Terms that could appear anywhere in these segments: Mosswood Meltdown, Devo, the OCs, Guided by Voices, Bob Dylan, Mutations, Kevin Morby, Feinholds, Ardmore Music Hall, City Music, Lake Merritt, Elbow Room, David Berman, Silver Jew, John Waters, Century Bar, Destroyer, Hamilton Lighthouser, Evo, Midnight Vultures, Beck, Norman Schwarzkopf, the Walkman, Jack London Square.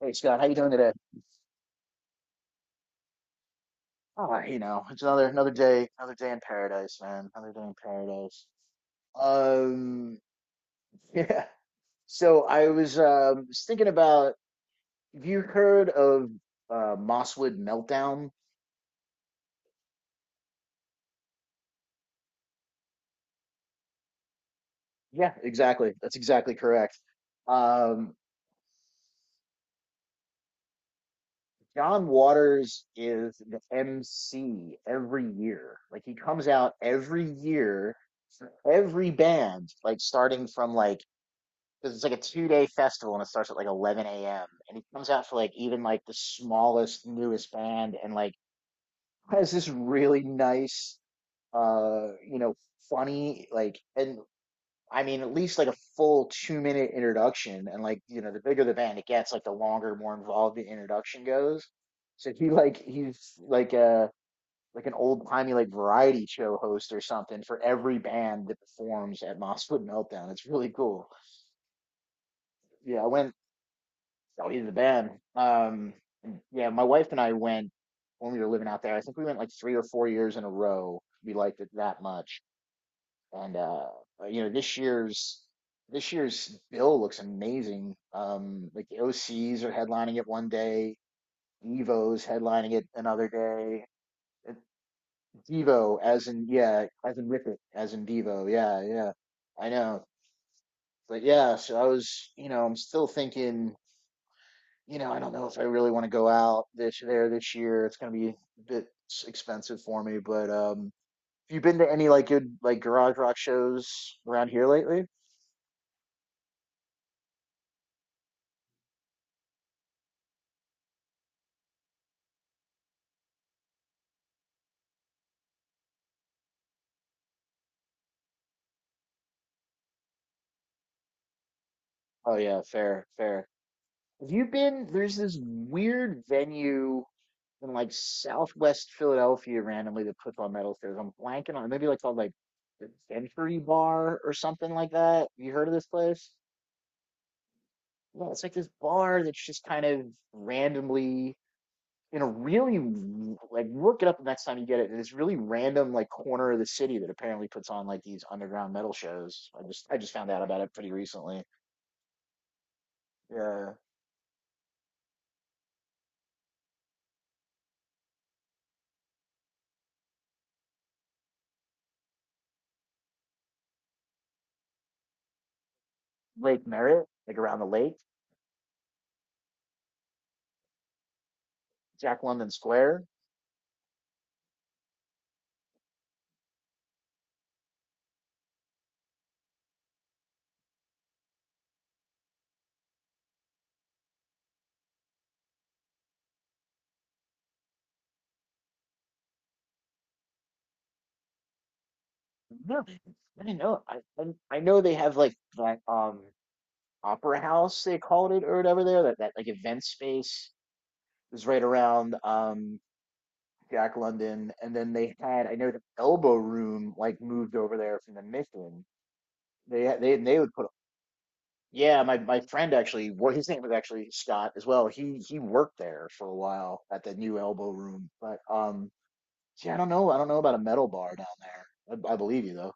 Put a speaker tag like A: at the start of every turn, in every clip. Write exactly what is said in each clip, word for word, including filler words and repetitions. A: Hey Scott, how you doing today? Ah, you know, it's another another day, another day in paradise, man. Another day in paradise. Um, yeah. So I was um was thinking about, have you heard of uh Mosswood Meltdown? Yeah, exactly. That's exactly correct. Um, John Waters is the M C every year. Like he comes out every year for every band, like starting from like because it's like a two day festival and it starts at like eleven a m and he comes out for like even like the smallest newest band and like has this really nice uh you know funny like and I mean at least like a full two minute introduction and like you know the bigger the band it gets like the longer more involved the introduction goes so he like he's like a like an old timey like variety show host or something for every band that performs at Mosswood Meltdown it's really cool. Yeah, I went. Oh, he's the band. Um, yeah, my wife and I went when we were living out there. I think we went like three or four years in a row. We liked it that much, and uh, you know, this year's this year's bill looks amazing. Um, like the O Cs are headlining it one day, Evo's headlining it another day. Uh, Devo, as in yeah, as in Rip it, as in Devo. Yeah, yeah, I know. But yeah, so I was, you know, I'm still thinking. you know, I don't know if I really want to go out this there this year. It's gonna be a bit s- expensive for me, but um, have you been to any like good like garage rock shows around here lately? Oh yeah, fair, fair. Have you been? There's this weird venue in like Southwest Philadelphia randomly that puts on metal shows. I'm blanking on maybe like called like the Century Bar or something like that. You heard of this place? Yeah, it's like this bar that's just kind of randomly in a really like look it up the next time you get it. In this really random like corner of the city that apparently puts on like these underground metal shows. I just I just found out about it pretty recently. Uh, Lake Merritt, like around the lake, Jack London Square. No, I didn't know. I I I know they have like that um opera house they called it or whatever there that that like event space is right around um Jack London, and then they had, I know, the Elbow Room like moved over there from the Mission. They had- they they would put. Yeah, my my friend actually, well, his name was actually Scott as well. He he worked there for a while at the new Elbow Room, but um, yeah, I don't know, I don't know about a metal bar down there. I, I believe you though.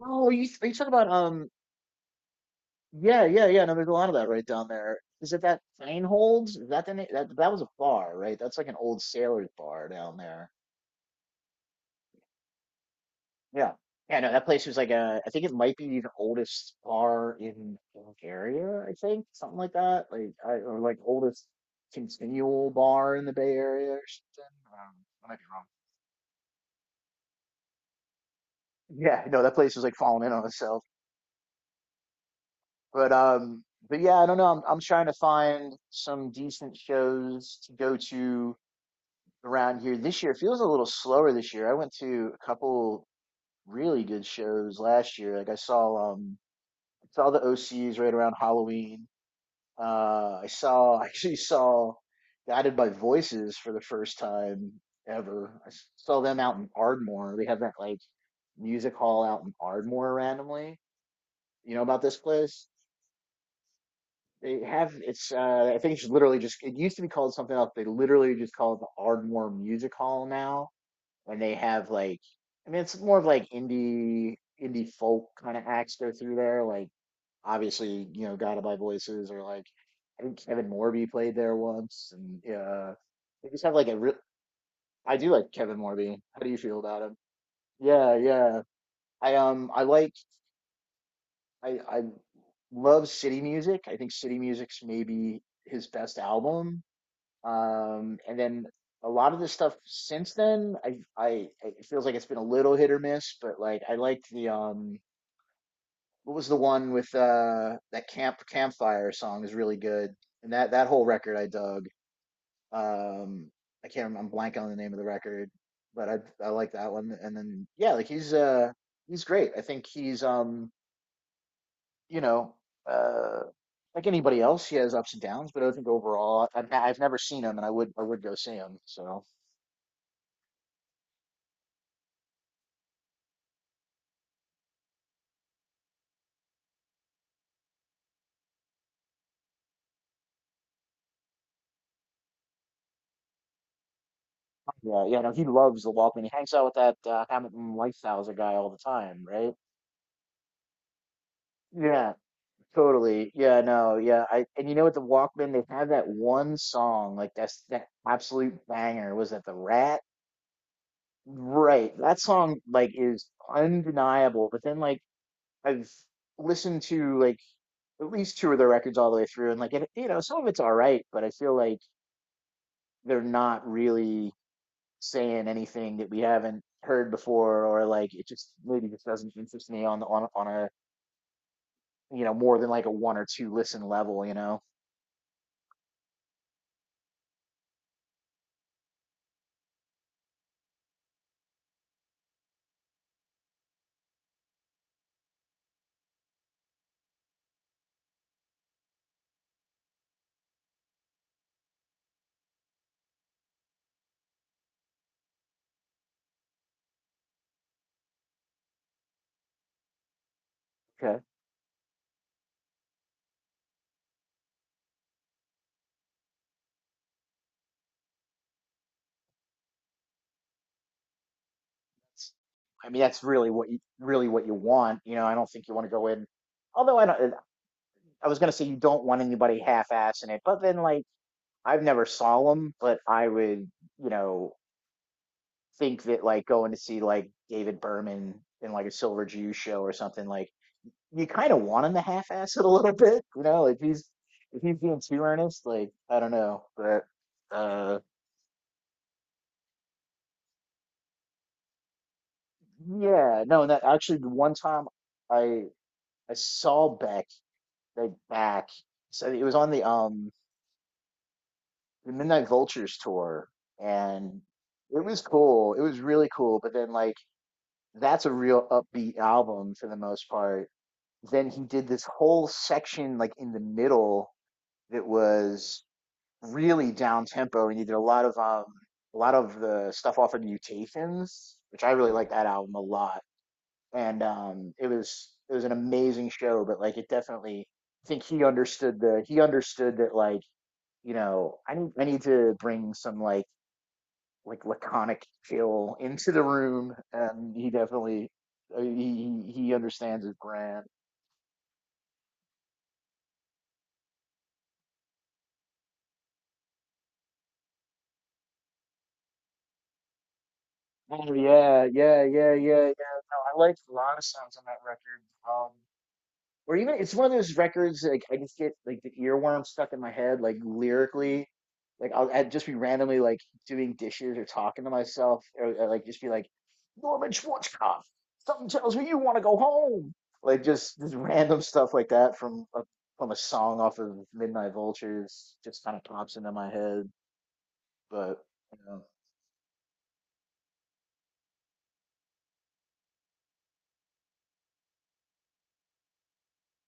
A: Oh, you are you talking about um? Yeah, yeah, yeah. No, there's a lot of that right down there. Is it that Feinholds? Is that the name? That that was a bar, right? That's like an old sailors bar down there. Yeah. Yeah, no, that place was like a, I think it might be the oldest bar in Bulgaria, I think, something like that. Like, I, or like oldest continual bar in the Bay Area or something. Um, I might be wrong. Yeah, no, that place was like falling in on itself. But, um, but yeah, I don't know. I'm, I'm trying to find some decent shows to go to around here this year. It feels a little slower this year. I went to a couple really good shows last year. Like I saw, um, I saw the O Cs right around Halloween. Uh, I saw I actually saw Guided by Voices for the first time ever. I saw them out in Ardmore. They have that like music hall out in Ardmore randomly. You know about this place? They have, it's uh I think it's literally just it used to be called something else. They literally just call it the Ardmore Music Hall now and they have like, I mean it's more of like indie indie folk kind of acts go through there. Like obviously, you know, Guided by Voices or like I think Kevin Morby played there once and uh they just have like a real. I do like Kevin Morby. How do you feel about him? Yeah, yeah. I um I like I I love City Music. I think City Music's maybe his best album. Um, and then a lot of the stuff since then, I, I, it feels like it's been a little hit or miss, but like I liked the um, what was the one with uh that camp campfire song is really good, and that that whole record I dug. Um, I can't remember, I'm blank on the name of the record, but I I like that one. And then yeah, like he's uh he's great. I think he's um you know uh like anybody else, he has ups and downs, but I think overall, I've, I've never seen him, and I would I would go see him. So. Yeah, yeah, no, he loves the Walkman. He hangs out with that uh, Hamilton Lighthouser guy all the time, right? Yeah, totally. Yeah, no, yeah. I and You know what, the Walkman, they have that one song, like that's that absolute banger. Was that the Rat? Right. That song like is undeniable. But then like I've listened to like at least two of their records all the way through, and like it, you know, some of it's all right, but I feel like they're not really saying anything that we haven't heard before, or like it just maybe just doesn't interest me on the on on a you know more than like a one or two listen level, you know. Okay. I mean, that's really what you really what you want. You know, I don't think you want to go in. Although I don't, I was gonna say you don't want anybody half-assing it, but then like I've never saw them, but I would, you know, think that like going to see like David Berman in like a Silver Jew show or something like you kind of want him to half-ass it a little bit, you know, if he's if he's being too earnest, like I don't know, but uh, yeah, no, and that actually the one time I I saw Beck like back, so it was on the um the Midnight Vultures tour, and it was cool, it was really cool, but then like that's a real upbeat album for the most part. Then he did this whole section like in the middle that was really down tempo, and he did a lot of um, a lot of the stuff off of Mutations, which I really like that album a lot. And um, it was it was an amazing show, but like it definitely, I think he understood the he understood that like you know I need I need to bring some like like laconic chill into the room, and he definitely uh, he he he understands his brand. Oh yeah, yeah, yeah, yeah, yeah. No, I liked a lot of songs on that record. Um, or even it's one of those records like I just get like the earworm stuck in my head, like lyrically. Like I'll I'd just be randomly like doing dishes or talking to myself, or, or like just be like, Norman Schwarzkopf, something tells me you want to go home. Like just this random stuff like that from a, from a song off of Midnight Vultures just kind of pops into my head. But you know,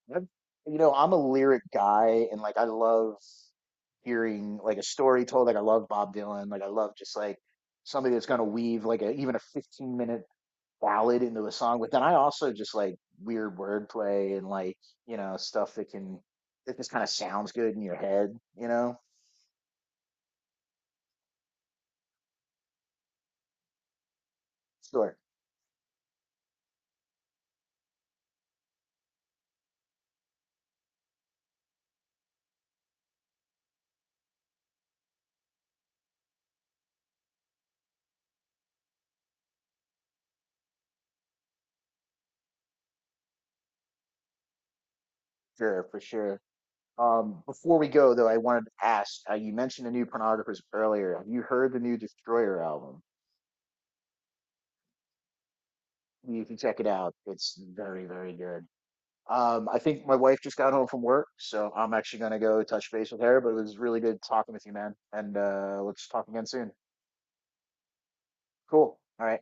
A: That's, you know, I'm a lyric guy and like I love hearing like a story told. Like I love Bob Dylan. Like I love just like somebody that's going to weave like a, even a fifteen minute ballad into a song. But then I also just like weird wordplay and like, you know, stuff that can, that just kind of sounds good in your head, you know? Sure, sure, for sure. Um, before we go though, I wanted to ask, uh, you mentioned the new pornographers earlier. Have you heard the new Destroyer album? You can check it out. It's very, very good. Um, I think my wife just got home from work, so I'm actually gonna go touch base with her. But it was really good talking with you, man. And uh, let's talk again soon. Cool. All right.